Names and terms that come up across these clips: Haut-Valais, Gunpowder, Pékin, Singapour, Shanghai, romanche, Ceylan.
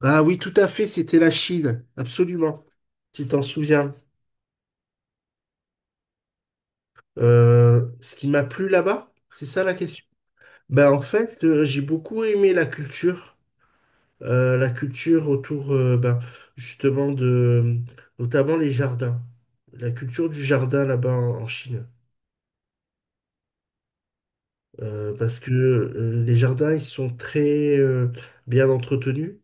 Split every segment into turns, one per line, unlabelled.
Ah oui, tout à fait, c'était la Chine, absolument. Tu t'en souviens. Ce qui m'a plu là-bas, c'est ça la question. Ben, en fait, j'ai beaucoup aimé la culture autour, ben, justement, de, notamment les jardins. La culture du jardin là-bas en Chine. Parce que les jardins, ils sont très bien entretenus.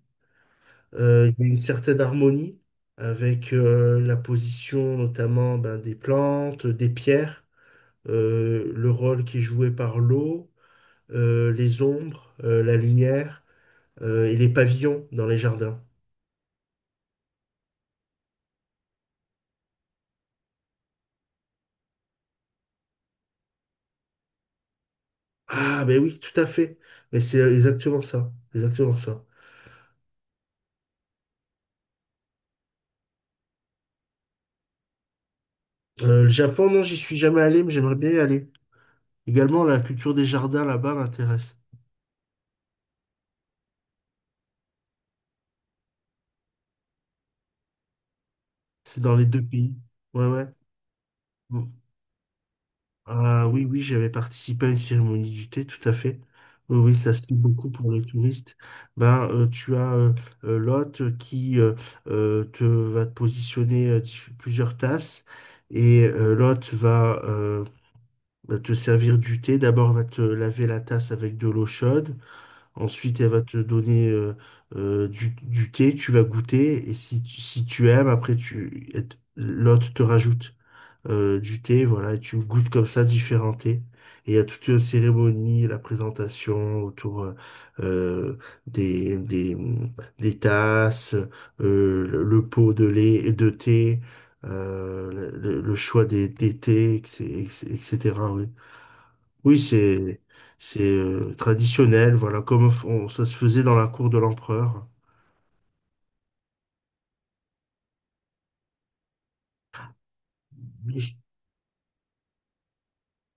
Il y a une certaine harmonie avec la position notamment ben, des plantes, des pierres. Le rôle qui est joué par l'eau, les ombres, la lumière et les pavillons dans les jardins. Ah, mais oui, tout à fait. Mais c'est exactement ça, exactement ça. Le Japon, non, j'y suis jamais allé, mais j'aimerais bien y aller. Également, la culture des jardins là-bas m'intéresse. C'est dans les deux pays. Ouais, ouais. Ah oui, oui, j'avais participé à une cérémonie du thé, tout à fait. Oui, oui, ça se fait beaucoup pour les touristes. Ben, tu as l'hôte qui te va te positionner plusieurs tasses et l'hôte va te servir du thé. D'abord, elle va te laver la tasse avec de l'eau chaude. Ensuite, elle va te donner du thé. Tu vas goûter et si tu aimes, après, l'hôte te rajoute du thé, voilà, et tu goûtes comme ça différents thés. Et il y a toute une cérémonie, la présentation autour euh, des, des, des tasses, le pot de lait de thé, le choix des thés, etc. etc., oui, oui c'est traditionnel, voilà, comme ça se faisait dans la cour de l'empereur. Mais j-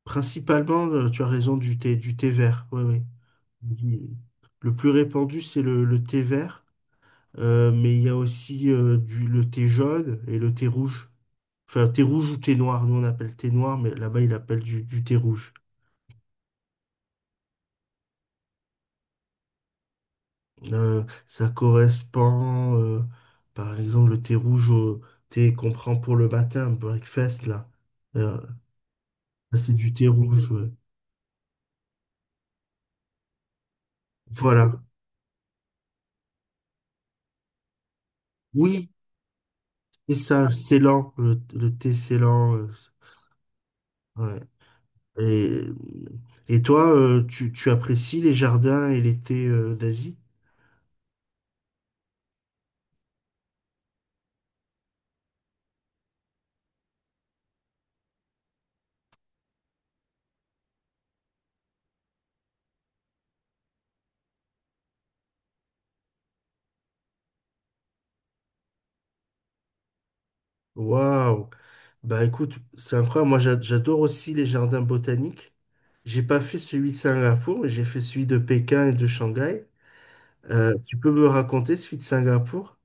Principalement, tu as raison, du thé vert. Oui, oui. du- Le plus répandu, c'est le thé vert, mais il y a aussi le thé jaune et le thé rouge. Enfin, thé rouge ou thé noir, nous on appelle thé noir, mais là-bas ils appellent du thé rouge. Ça correspond, par exemple, le thé rouge au thé qu'on prend pour le matin, breakfast, là. Euh, ça, c'est du thé rouge. Ouais. Voilà. Oui, c'est ça, le Ceylan, le thé Ceylan. Ouais. Et, et toi, tu apprécies les jardins et l'été d'Asie? Waouh! Bah écoute, c'est incroyable. Moi, j'adore aussi les jardins botaniques. J'ai pas fait celui de Singapour, mais j'ai fait celui de Pékin et de Shanghai. Tu peux me raconter celui de Singapour?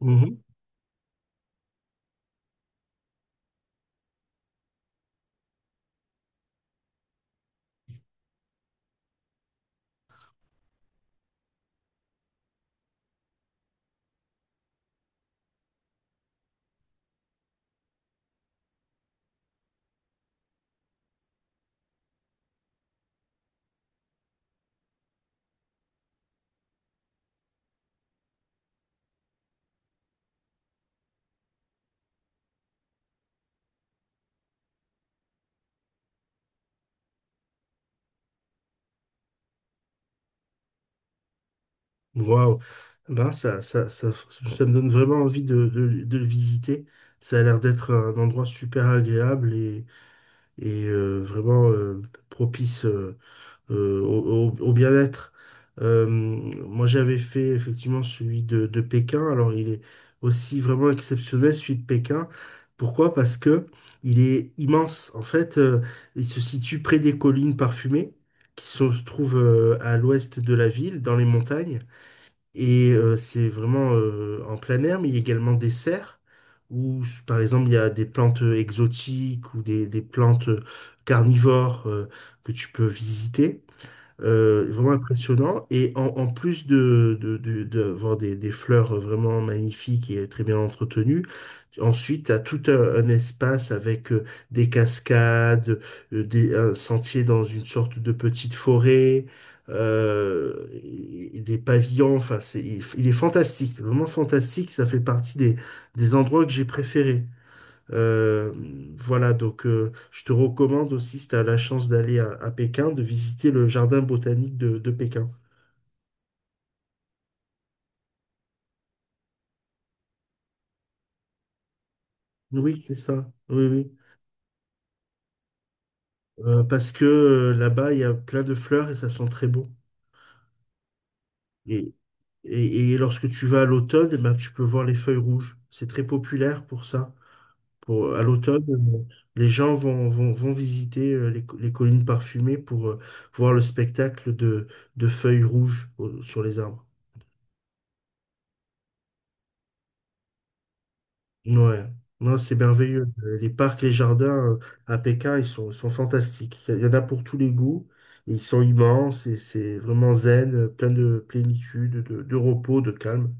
Mhm. Waouh! Ben, ça me donne vraiment envie de le visiter. Ça a l'air d'être un endroit super agréable et vraiment propice. Au bien-être. Moi, j'avais fait effectivement celui de Pékin. Alors, il est aussi vraiment exceptionnel, celui de Pékin. Pourquoi? Parce que il est immense. En fait, il se situe près des collines parfumées qui se trouvent à l'ouest de la ville, dans les montagnes. Et c'est vraiment en plein air, mais il y a également des serres où, par exemple, il y a des plantes exotiques ou des plantes carnivores que tu peux visiter. Vraiment impressionnant. Et en plus d'avoir des fleurs vraiment magnifiques et très bien entretenues, ensuite, tu as tout un espace avec des cascades, un sentier dans une sorte de petite forêt, et des pavillons. Enfin, il est fantastique, vraiment fantastique. Ça fait partie des endroits que j'ai préférés. Euh, voilà, donc je te recommande aussi, si tu as la chance d'aller à Pékin, de visiter le jardin botanique de Pékin. Oui, c'est ça. Oui, oui. Parce que là-bas, il y a plein de fleurs et ça sent très bon. Et, et lorsque tu vas à l'automne, eh ben, tu peux voir les feuilles rouges. C'est très populaire pour ça. À l'automne, les gens vont visiter les collines parfumées pour voir le spectacle de feuilles rouges sur les arbres. Ouais, non, c'est merveilleux. Les parcs, les jardins à Pékin, ils sont fantastiques. Il y en a pour tous les goûts. Ils sont immenses et c'est vraiment zen, plein de plénitude, de repos, de calme.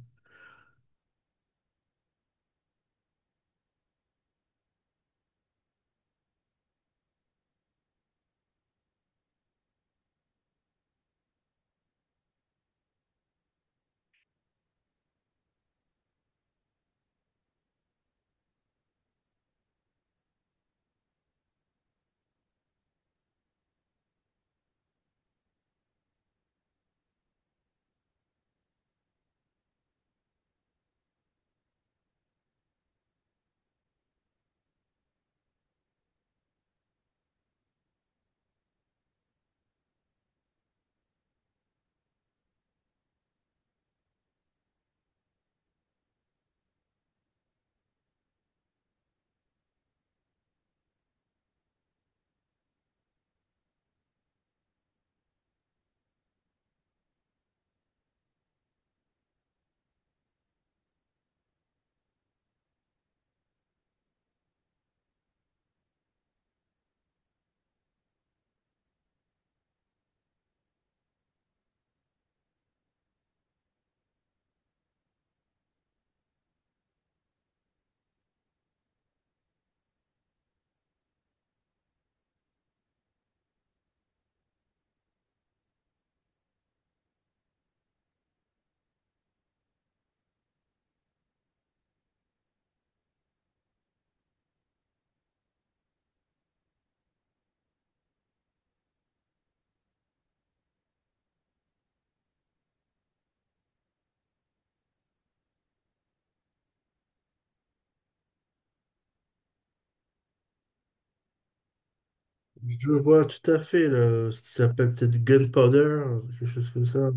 Je vois tout à fait là, ce qui s'appelle peut-être Gunpowder, quelque chose comme ça.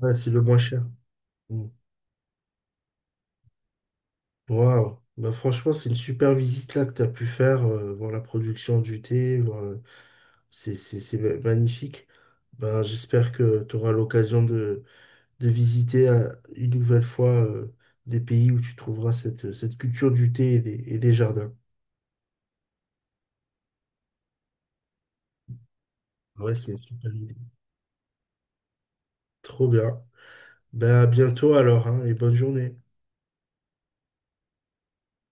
Ouais, c'est le moins cher. Mm. Waouh. Bah, franchement, c'est une super visite là que tu as pu faire, voir la production du thé, c'est magnifique. Ben, j'espère que tu auras l'occasion de visiter une nouvelle fois des pays où tu trouveras cette culture du thé et des jardins. Ouais, c'est une super idée. Trop bien. Ben, à bientôt alors, hein, et bonne journée.